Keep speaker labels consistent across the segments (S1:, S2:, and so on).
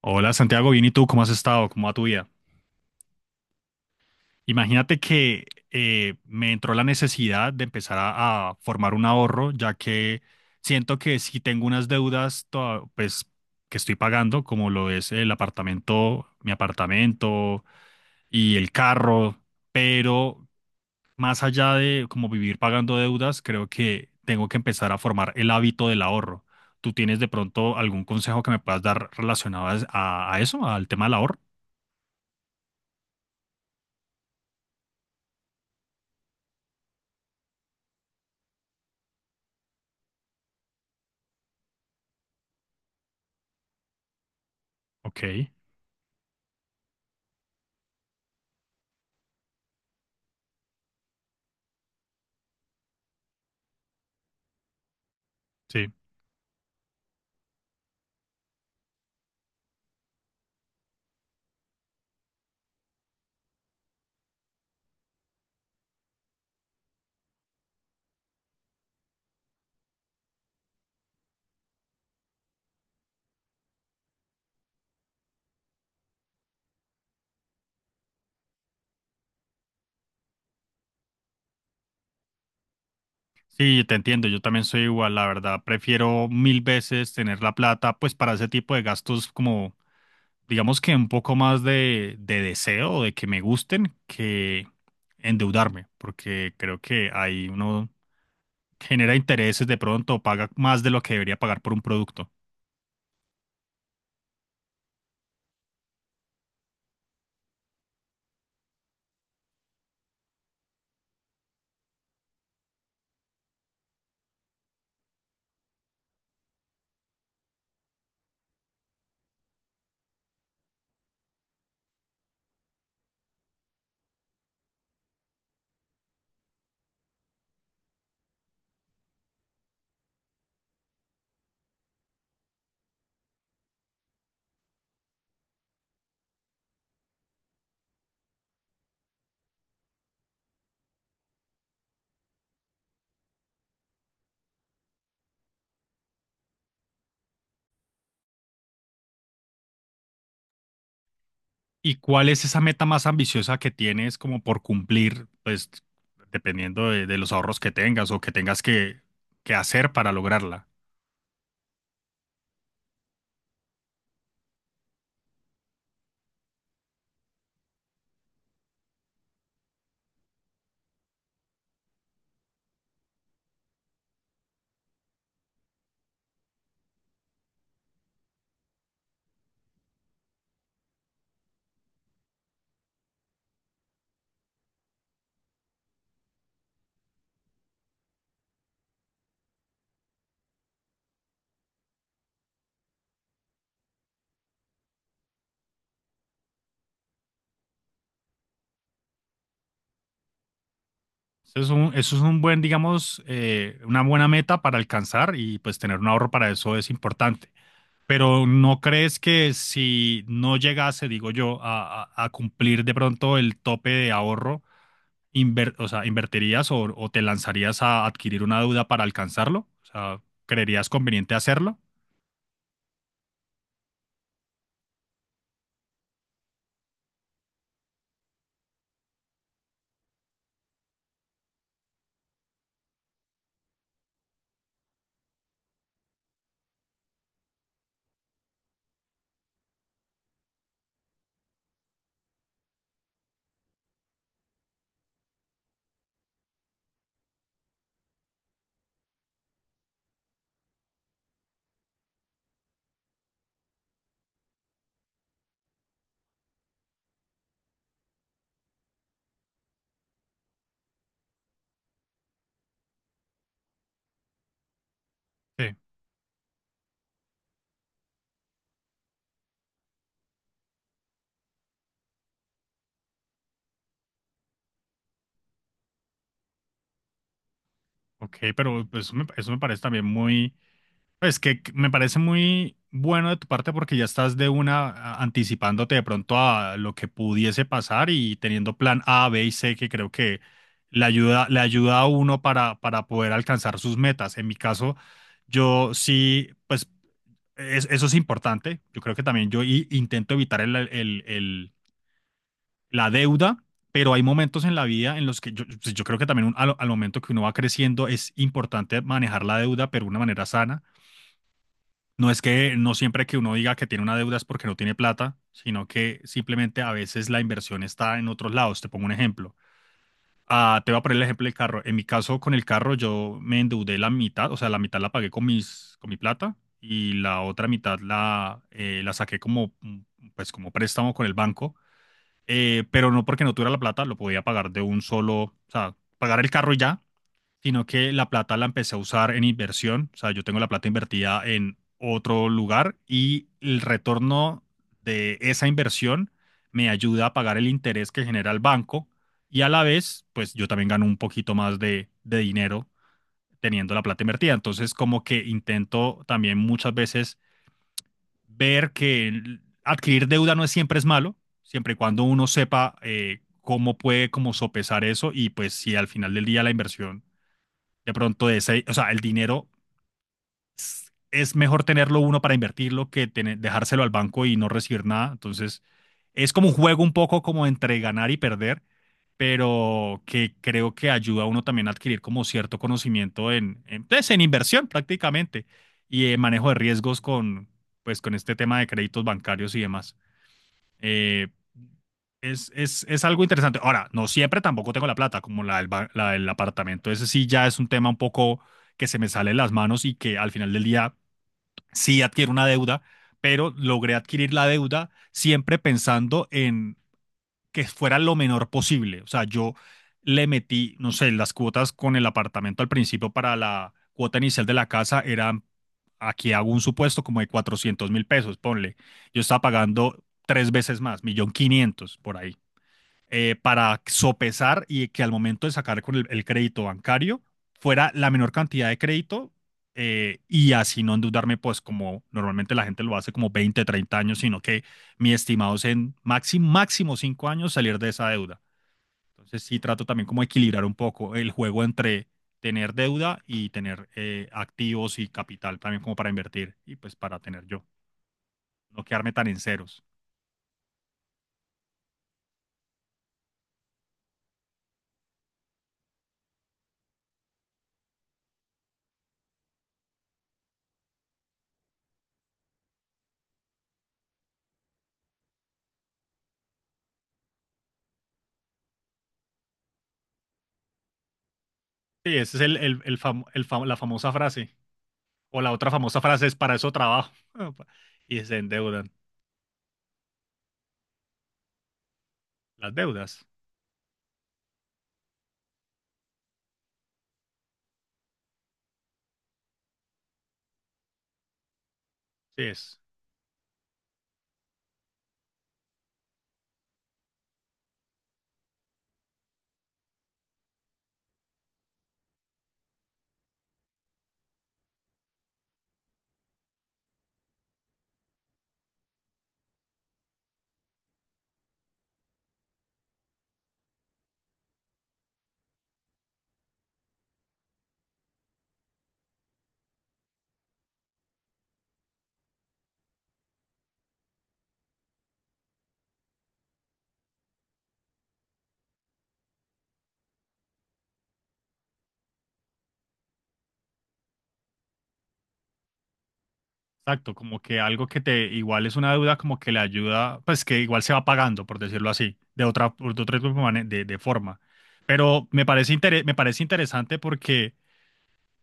S1: Hola Santiago, bien y tú, ¿cómo has estado? ¿Cómo va tu vida? Imagínate que me entró la necesidad de empezar a formar un ahorro, ya que siento que si tengo unas deudas pues, que estoy pagando, como lo es el apartamento, mi apartamento y el carro, pero más allá de como vivir pagando deudas, creo que tengo que empezar a formar el hábito del ahorro. ¿Tú tienes de pronto algún consejo que me puedas dar relacionado a eso, al tema del ahorro? Ok. Sí, sí, te entiendo, yo también soy igual, la verdad, prefiero mil veces tener la plata pues para ese tipo de gastos como, digamos que un poco más de deseo, de que me gusten, que endeudarme, porque creo que ahí uno genera intereses de pronto, o paga más de lo que debería pagar por un producto. ¿Y cuál es esa meta más ambiciosa que tienes como por cumplir, pues dependiendo de los ahorros que tengas o que tengas que hacer para lograrla? Eso es un buen, digamos, una buena meta para alcanzar y pues tener un ahorro para eso es importante. Pero ¿no crees que si no llegase, digo yo, a cumplir de pronto el tope de ahorro, o sea, ¿invertirías o te lanzarías a adquirir una deuda para alcanzarlo? O sea, ¿creerías conveniente hacerlo? Sí, ok, pero pues, eso me parece también muy... Es que me parece muy bueno de tu parte porque ya estás de una anticipándote de pronto a lo que pudiese pasar y teniendo plan A, B y C que creo que le ayuda a uno para poder alcanzar sus metas. En mi caso, yo sí, pues eso es importante. Yo creo que también yo intento evitar la deuda. Pero hay momentos en la vida en los que yo, pues yo creo que también al, al momento que uno va creciendo es importante manejar la deuda, pero de una manera sana, no es que no siempre que uno diga que tiene una deuda es porque no tiene plata, sino que simplemente a veces la inversión está en otros lados. Te pongo un ejemplo. Ah, te voy a poner el ejemplo del carro. En mi caso, con el carro, yo me endeudé la mitad, o sea, la mitad la pagué con mis, con mi plata y la otra mitad la saqué como, pues, como préstamo con el banco. Pero no porque no tuviera la plata, lo podía pagar de un solo, o sea, pagar el carro y ya, sino que la plata la empecé a usar en inversión. O sea, yo tengo la plata invertida en otro lugar y el retorno de esa inversión me ayuda a pagar el interés que genera el banco, y a la vez, pues yo también gano un poquito más de dinero teniendo la plata invertida. Entonces, como que intento también muchas veces ver que adquirir deuda no es siempre es malo, siempre y cuando uno sepa cómo puede como sopesar eso, y pues si al final del día la inversión de pronto ese, o sea, el dinero es mejor tenerlo uno para invertirlo que dejárselo al banco y no recibir nada. Entonces, es como un juego un poco como entre ganar y perder, pero que creo que ayuda a uno también a adquirir como cierto conocimiento pues, en inversión prácticamente, y en manejo de riesgos con, pues, con este tema de créditos bancarios y demás. Eh, es, es algo interesante. Ahora, no siempre tampoco tengo la plata, como la la del apartamento. Ese sí ya es un tema un poco que se me sale de las manos y que al final del día sí adquiero una deuda, pero logré adquirir la deuda siempre pensando en que fuera lo menor posible. O sea, yo le metí, no sé, las cuotas con el apartamento al principio para la cuota inicial de la casa eran, aquí hago un supuesto como de 400.000 pesos, ponle. Yo estaba pagando tres veces más, 1.500.000 por ahí, para sopesar y que al momento de sacar con el crédito bancario fuera la menor cantidad de crédito, y así no endeudarme, pues como normalmente la gente lo hace como 20 o 30 años, sino que mi estimado es en máximo, máximo 5 años salir de esa deuda. Entonces sí trato también como equilibrar un poco el juego entre tener deuda y tener activos y capital también como para invertir y pues para tener yo, no quedarme tan en ceros. Sí, esa es la famosa frase. O la otra famosa frase es para eso trabajo. Y se endeudan. Las deudas. Sí, es. Exacto. Como que algo que te igual es una deuda, como que le ayuda, pues que igual se va pagando, por decirlo así, de otra de forma. Pero me parece, me parece interesante, porque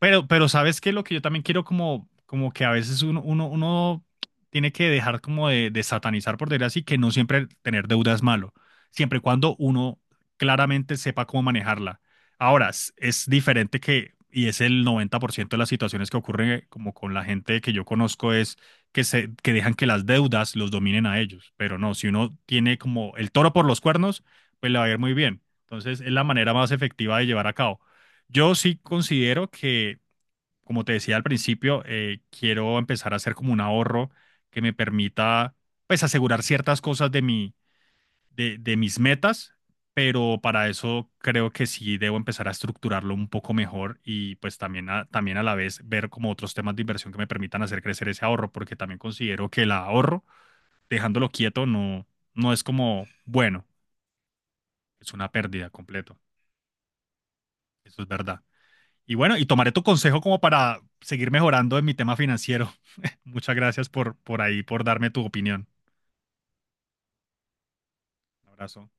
S1: pero ¿sabes qué? Lo que yo también quiero como, como que a veces uno tiene que dejar como de satanizar, por decir así, que no siempre tener deuda es malo, siempre y cuando uno claramente sepa cómo manejarla. Ahora, es diferente que, y es el 90% de las situaciones que ocurren como con la gente que yo conozco, es que dejan que las deudas los dominen a ellos. Pero no, si uno tiene como el toro por los cuernos, pues le va a ir muy bien. Entonces, es la manera más efectiva de llevar a cabo. Yo sí considero que como te decía al principio, quiero empezar a hacer como un ahorro que me permita, pues, asegurar ciertas cosas de mi, de mis metas, pero para eso creo que sí debo empezar a estructurarlo un poco mejor, y pues también a, también a la vez ver como otros temas de inversión que me permitan hacer crecer ese ahorro, porque también considero que el ahorro, dejándolo quieto, no, no es como, bueno, es una pérdida completo. Eso es verdad. Y bueno, y tomaré tu consejo como para seguir mejorando en mi tema financiero. Muchas gracias por ahí, por darme tu opinión. Un abrazo.